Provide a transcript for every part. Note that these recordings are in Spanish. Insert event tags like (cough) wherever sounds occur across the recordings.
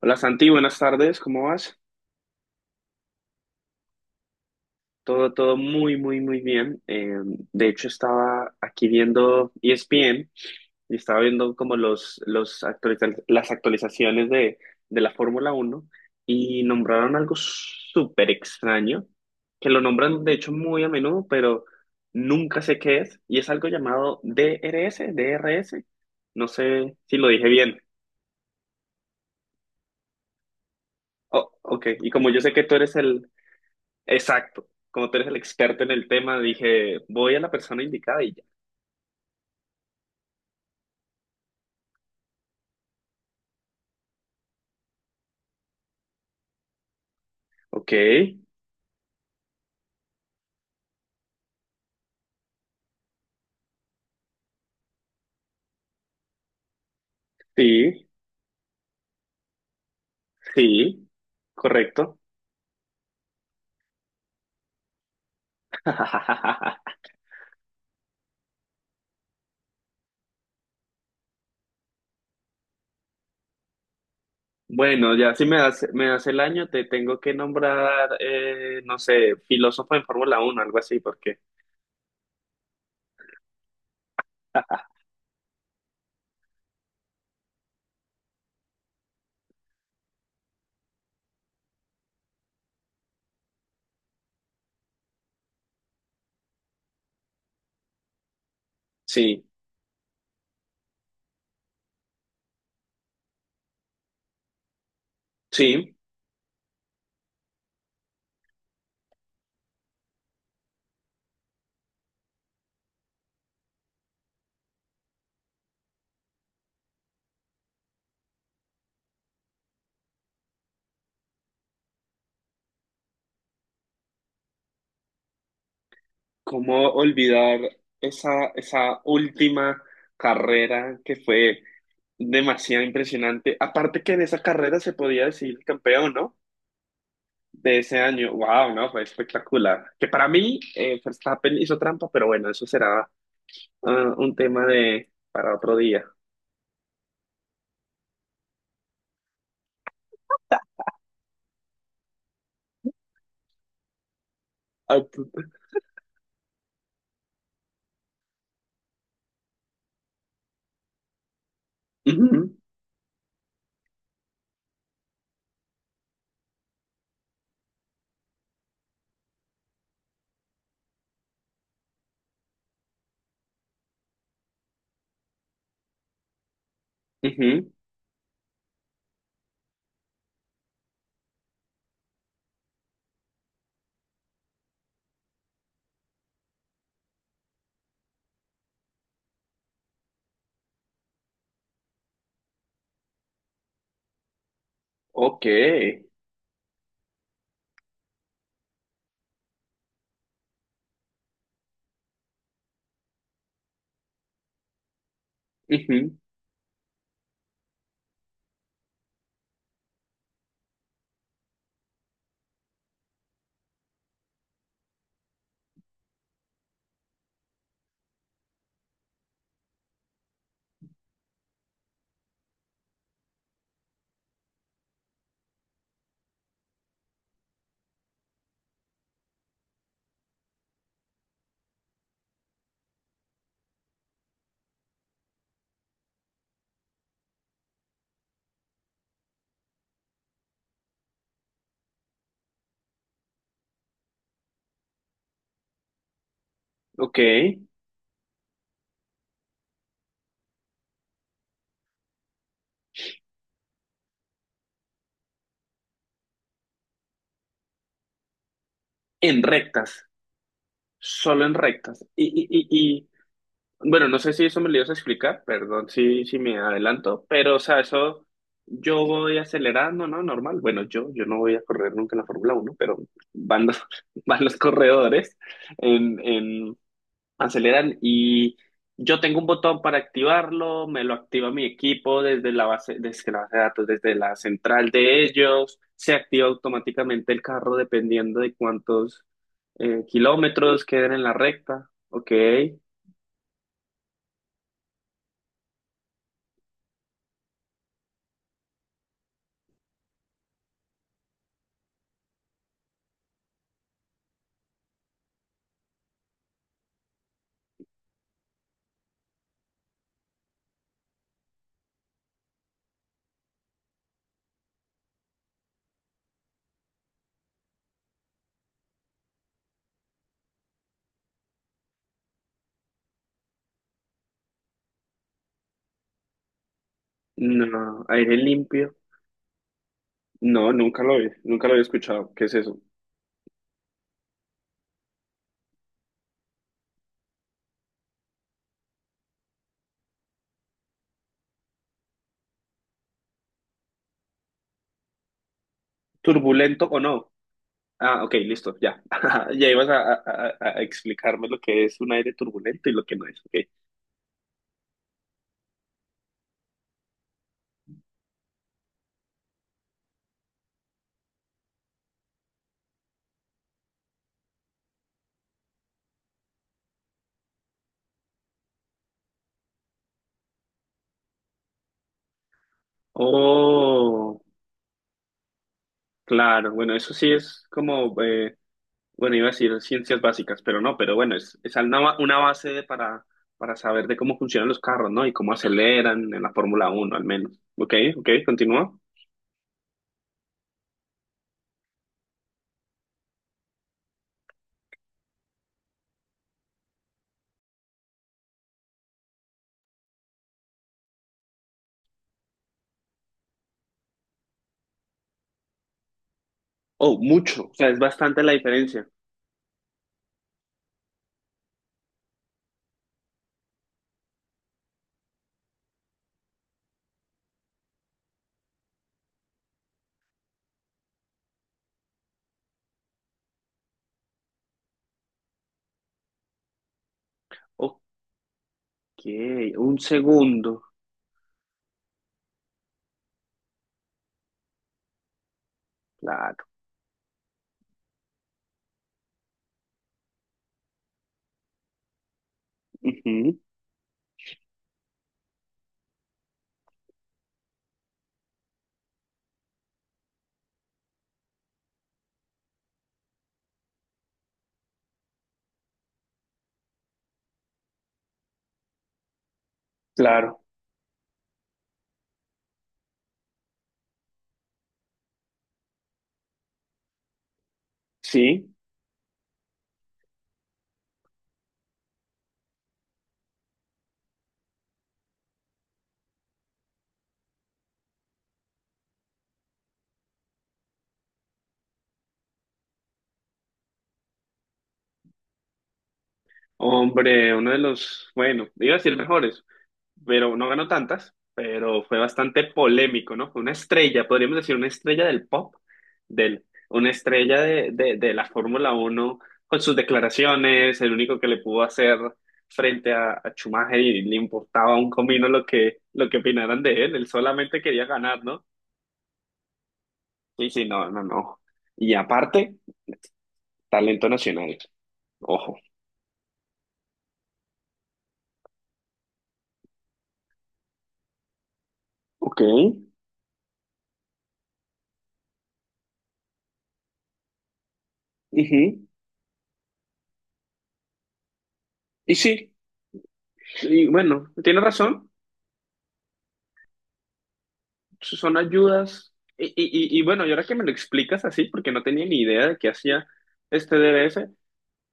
Hola Santi, buenas tardes, ¿cómo vas? Todo muy, muy, muy bien. De hecho, estaba aquí viendo ESPN y estaba viendo como las actualizaciones de la Fórmula Uno y nombraron algo súper extraño, que lo nombran de hecho muy a menudo, pero nunca sé qué es, y es algo llamado DRS. No sé si lo dije bien. Oh, ok, y como yo sé que tú eres el exacto. Como tú eres el experto en el tema, dije, voy a la persona indicada y ya. Ok, sí, sí, correcto. (laughs) Bueno, ya si me das, me das el año, te tengo que nombrar, no sé, filósofo en Fórmula uno, algo así, porque (laughs) sí, sí. ¿Cómo olvidar esa, esa última carrera que fue demasiado impresionante? Aparte que en esa carrera se podía decidir el campeón, ¿no? De ese año. Wow, no, fue espectacular. Que para mí, Verstappen hizo trampa, pero bueno, eso será ah, un tema de para otro día. Ah, pu- ujú, ujú, ok, ujú, ok. En rectas, solo en rectas. Bueno, no sé si eso me lo ibas a explicar, perdón si me adelanto, pero o sea, eso yo voy acelerando, ¿no? Normal. Bueno, yo no voy a correr nunca en la Fórmula Uno pero van los, (laughs) van los corredores en aceleran y yo tengo un botón para activarlo, me lo activa mi equipo desde la base de datos, desde la central de ellos, se activa automáticamente el carro dependiendo de cuántos kilómetros queden en la recta, ok, no, aire limpio, no, nunca lo he, nunca lo había escuchado, ¿qué es eso? ¿Turbulento o no? Ah, ok, listo, ya. (laughs) Ya ibas a, a explicarme lo que es un aire turbulento y lo que no es, ok. Oh. Claro, bueno, eso sí es como, bueno, iba a decir ciencias básicas, pero no, pero bueno, es una, ba- una base de- para saber de cómo funcionan los carros, ¿no? Y cómo aceleran en la Fórmula Uno al menos. Ok, ok, continúa. Oh, mucho, o sea, es bastante la diferencia. Ok, un segundo, claro. Ujú, claro, sí. Hombre, uno de los, bueno, iba a decir mejores, pero no ganó tantas, pero fue bastante polémico, ¿no? Fue una estrella, podríamos decir una estrella del pop, del, una estrella de la Fórmula 1 con sus declaraciones, el único que le pudo hacer frente a Schumacher y le importaba un comino lo que opinaran de él, él solamente quería ganar, ¿no? Sí, sí, no, no, no. Y aparte, talento nacional, ojo. Ok. Ujú. Y sí, y bueno, tiene razón. Son ayudas. Y bueno, y ahora que me lo explicas así, porque no tenía ni idea de qué hacía este D B S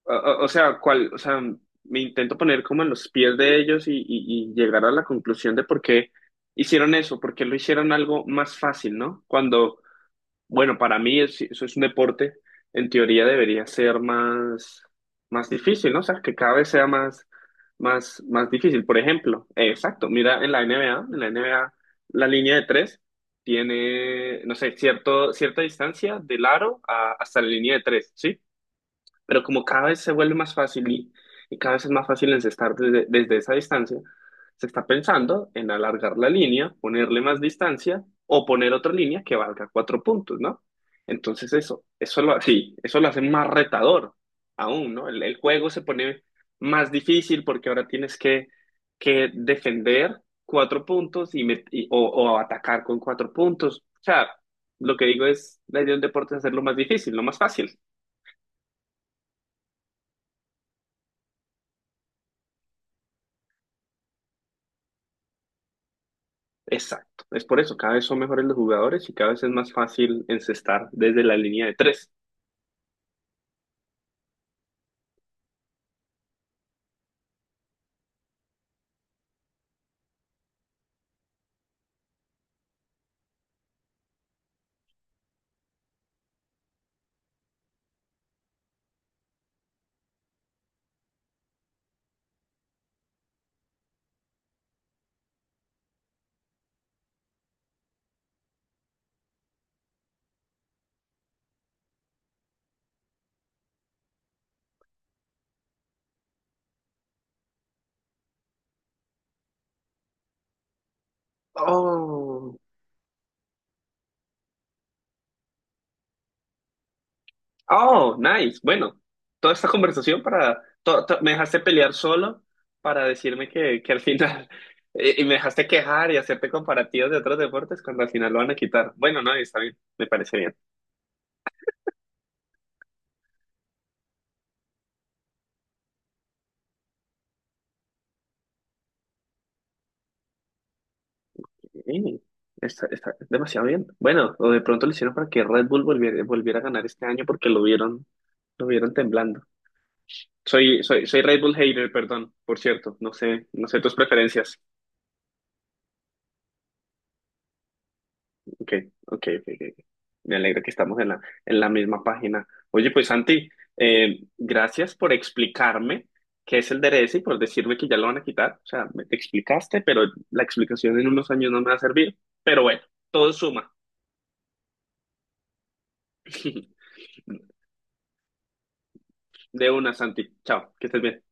o sea, cuál, o sea, me intento poner como en los pies de ellos y llegar a la conclusión de por qué hicieron eso, por qué lo hicieron algo más fácil, ¿no? Cuando bueno, para mí es- eso es un deporte, en teoría debería ser más, más difícil, ¿no? O sea, que cada vez sea más, más, más difícil. Por ejemplo, exacto, mira en la NBA, en la NBA la línea de tres tiene, no sé, cierto, cierta distancia del aro a- hasta la línea de tres, ¿sí? Pero como cada vez se vuelve más fácil y cada vez es más fácil encestar desde, desde esa distancia, se está pensando en alargar la línea, ponerle más distancia o poner otra línea que valga cuatro puntos, ¿no? Entonces eso lo, sí, eso lo hace más retador aún, ¿no? El juego se pone más difícil porque ahora tienes que defender cuatro puntos o atacar con cuatro puntos. O sea, lo que digo es, la idea del deporte es hacerlo más difícil, no más fácil. Exacto. Es por eso, cada vez son mejores los jugadores y cada vez es más fácil encestar desde la línea de tres. Oh, oh, nice. Bueno, toda esta conversación para... me dejaste pelear solo para decirme que al final... (laughs) Y y me dejaste quejar y hacerte comparativos de otros deportes cuando al final lo van a quitar. Bueno, no, está bien, me parece bien. Sí, está, está demasiado bien. Bueno, o de pronto lo hicieron para que Red Bull volviera, volviera a ganar este año porque lo vieron temblando. Soy Red Bull hater, perdón, por cierto, no sé, no sé tus preferencias. Ok, ok. Me alegra que estamos en la misma página. Oye, pues Santi, gracias por explicarme qué es el DRS y por decirme que ya lo van a quitar. O sea, me te explicaste, pero la explicación en unos años no me va a servir. Pero bueno, todo suma. (laughs) De una, Santi. Chao, que estés bien.